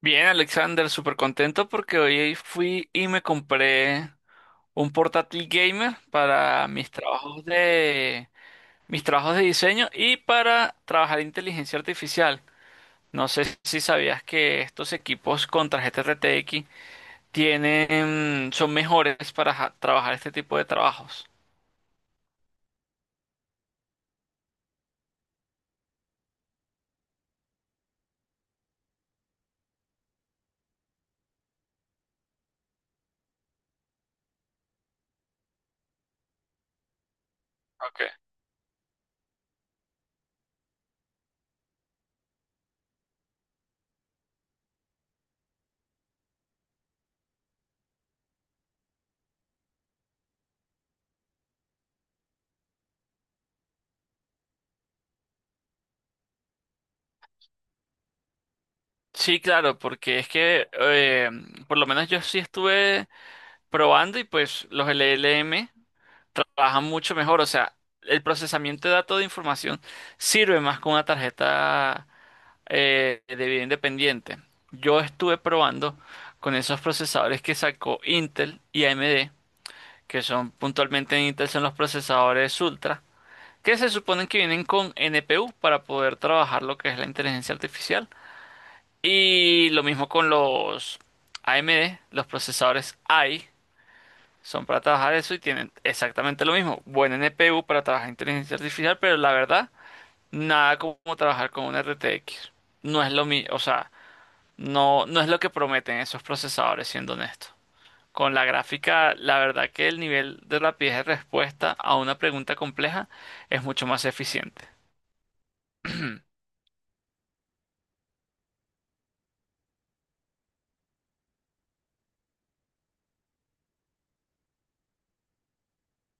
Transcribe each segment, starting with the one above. Bien, Alexander, súper contento porque hoy fui y me compré un portátil gamer para mis trabajos de diseño y para trabajar inteligencia artificial. No sé si sabías que estos equipos con tarjeta RTX son mejores para trabajar este tipo de trabajos. Okay. Sí, claro, porque es que por lo menos yo sí estuve probando y pues los LLM trabajan mucho mejor. O sea, el procesamiento de datos de información sirve más con una tarjeta de video independiente. Yo estuve probando con esos procesadores que sacó Intel y AMD, que son puntualmente en Intel son los procesadores Ultra, que se suponen que vienen con NPU para poder trabajar lo que es la inteligencia artificial. Y lo mismo con los AMD, los procesadores AI. Son para trabajar eso y tienen exactamente lo mismo. Buen NPU para trabajar inteligencia artificial, pero la verdad, nada como trabajar con un RTX. No es lo mismo, o sea, no, no es lo que prometen esos procesadores, siendo honesto. Con la gráfica, la verdad que el nivel de rapidez de respuesta a una pregunta compleja es mucho más eficiente.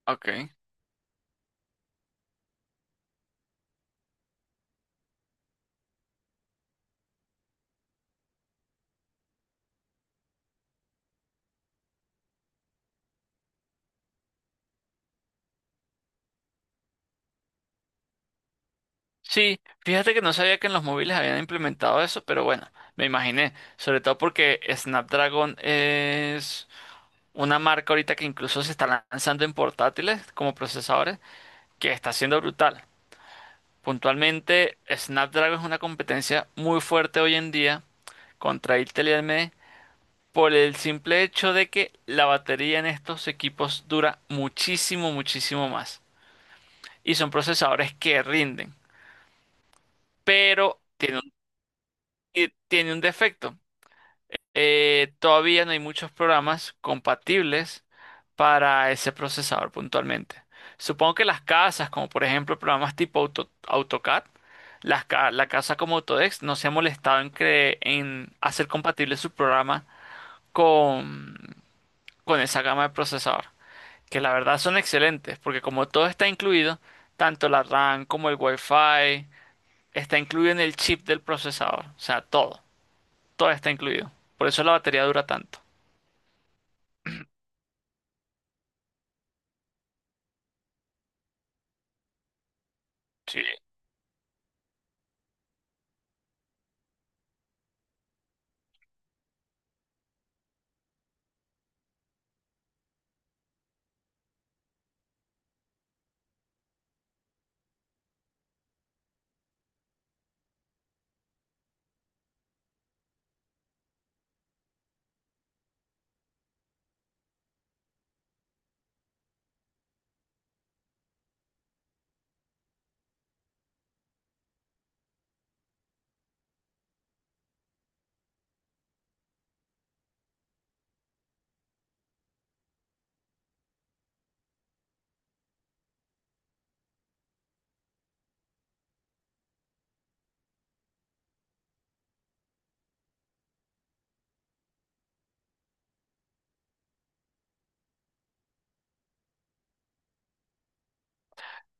Ok. Sí, fíjate que no sabía que en los móviles habían implementado eso, pero bueno, me imaginé, sobre todo porque Snapdragon es una marca ahorita que incluso se está lanzando en portátiles como procesadores, que está siendo brutal. Puntualmente, Snapdragon es una competencia muy fuerte hoy en día contra Intel y AMD por el simple hecho de que la batería en estos equipos dura muchísimo, muchísimo más. Y son procesadores que rinden, pero tiene un defecto. Todavía no hay muchos programas compatibles para ese procesador puntualmente. Supongo que las casas, como por ejemplo programas tipo AutoCAD, la casa como Autodesk no se ha molestado en hacer compatible su programa con, con esa gama de procesador, que la verdad son excelentes, porque como todo está incluido, tanto la RAM como el Wi-Fi, está incluido en el chip del procesador, o sea, todo, todo está incluido. Por eso la batería dura tanto. Sí.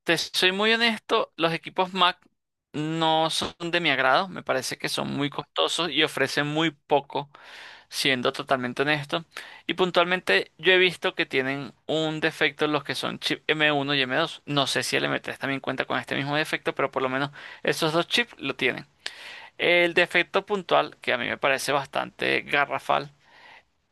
Te soy muy honesto, los equipos Mac no son de mi agrado, me parece que son muy costosos y ofrecen muy poco, siendo totalmente honesto. Y puntualmente yo he visto que tienen un defecto los que son chip M1 y M2. No sé si el M3 también cuenta con este mismo defecto, pero por lo menos esos dos chips lo tienen. El defecto puntual, que a mí me parece bastante garrafal,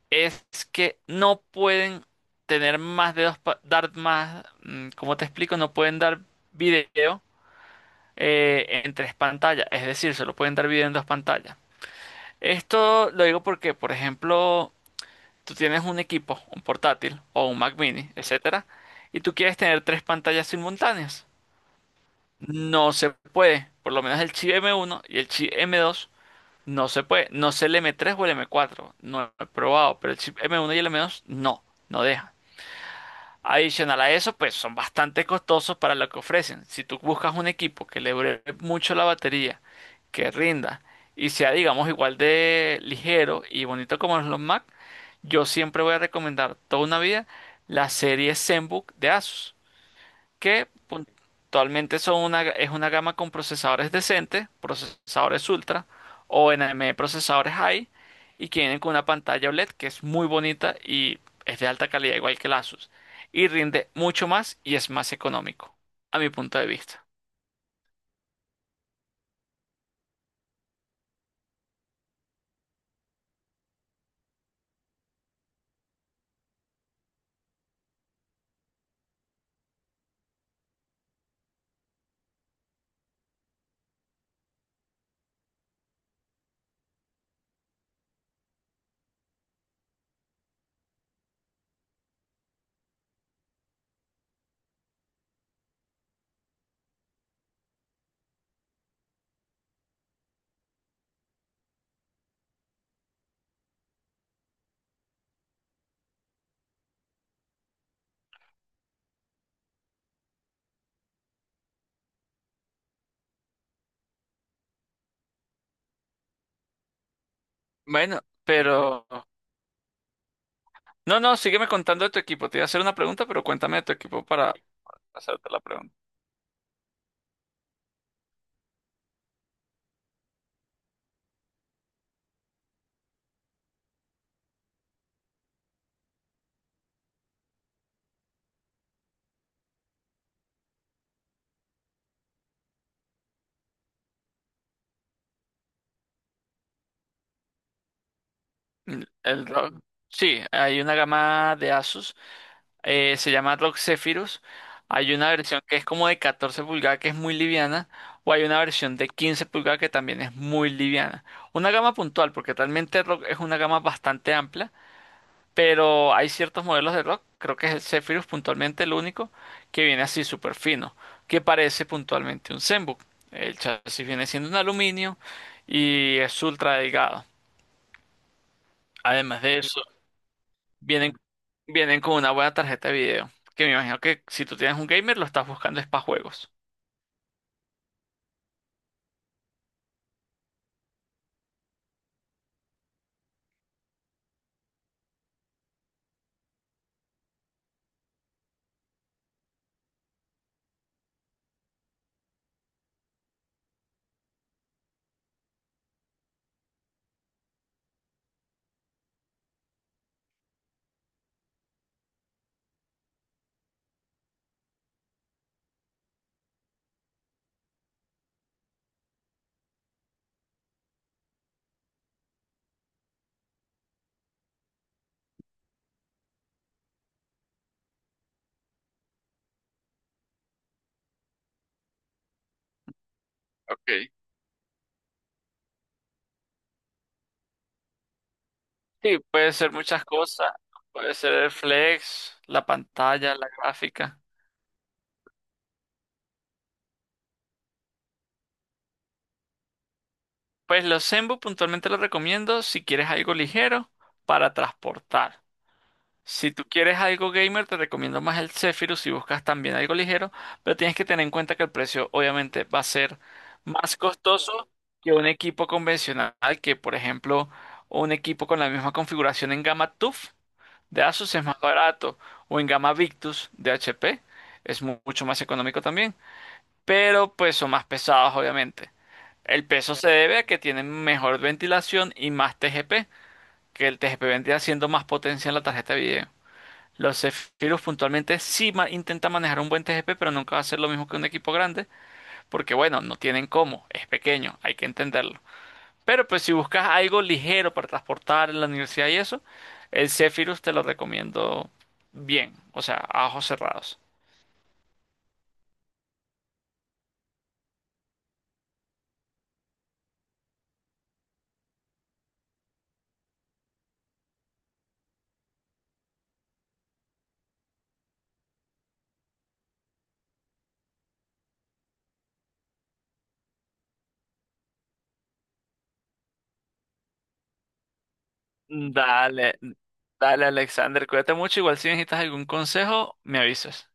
es que no pueden tener más de dos, pa- dar más, mm, ¿cómo te explico? No pueden dar video en tres pantallas, es decir, se lo pueden dar video en dos pantallas. Esto lo digo porque, por ejemplo, tú tienes un equipo, un portátil o un Mac Mini, etcétera, y tú quieres tener tres pantallas simultáneas. No se puede, por lo menos el chip M1 y el chip M2 no se puede. No sé el M3 o el M4, no he probado, pero el chip M1 y el M2 no, no deja. Adicional a eso, pues son bastante costosos para lo que ofrecen. Si tú buscas un equipo que le dure mucho la batería, que rinda y sea, digamos, igual de ligero y bonito como los Mac, yo siempre voy a recomendar toda una vida la serie ZenBook de Asus, que puntualmente es una gama con procesadores decentes, procesadores ultra o NME procesadores high, y que vienen con una pantalla OLED que es muy bonita y es de alta calidad igual que el Asus, y rinde mucho más y es más económico a mi punto de vista. Bueno, pero no, no, sígueme contando de tu equipo. Te iba a hacer una pregunta, pero cuéntame de tu equipo para hacerte la pregunta. El ROG. Sí, hay una gama de Asus. Se llama ROG Zephyrus. Hay una versión que es como de 14 pulgadas que es muy liviana. O hay una versión de 15 pulgadas que también es muy liviana. Una gama puntual, porque realmente ROG es una gama bastante amplia. Pero hay ciertos modelos de ROG. Creo que es el Zephyrus puntualmente el único que viene así súper fino. Que parece puntualmente un Zenbook. El chasis viene siendo un aluminio y es ultra delgado. Además de eso, Vienen, vienen con una buena tarjeta de video. Que me imagino que si tú tienes un gamer, lo estás buscando es para juegos. Ok. Sí, puede ser muchas cosas. Puede ser el flex, la pantalla, la gráfica. Pues los Zenbook puntualmente los recomiendo si quieres algo ligero para transportar. Si tú quieres algo gamer, te recomiendo más el Zephyrus si buscas también algo ligero, pero tienes que tener en cuenta que el precio obviamente va a ser más costoso que un equipo convencional, que por ejemplo un equipo con la misma configuración en gama TUF de Asus es más barato, o en gama Victus de HP es mucho más económico también, pero pues son más pesados obviamente. El peso se debe a que tienen mejor ventilación y más TGP, que el TGP vendría siendo más potencia en la tarjeta de video. Los Zephyrus puntualmente sí intenta manejar un buen TGP, pero nunca va a ser lo mismo que un equipo grande, porque bueno, no tienen cómo, es pequeño, hay que entenderlo. Pero pues si buscas algo ligero para transportar en la universidad y eso, el Zephyrus te lo recomiendo bien, o sea, a ojos cerrados. Dale, dale Alexander, cuídate mucho, igual si necesitas algún consejo, me avisas.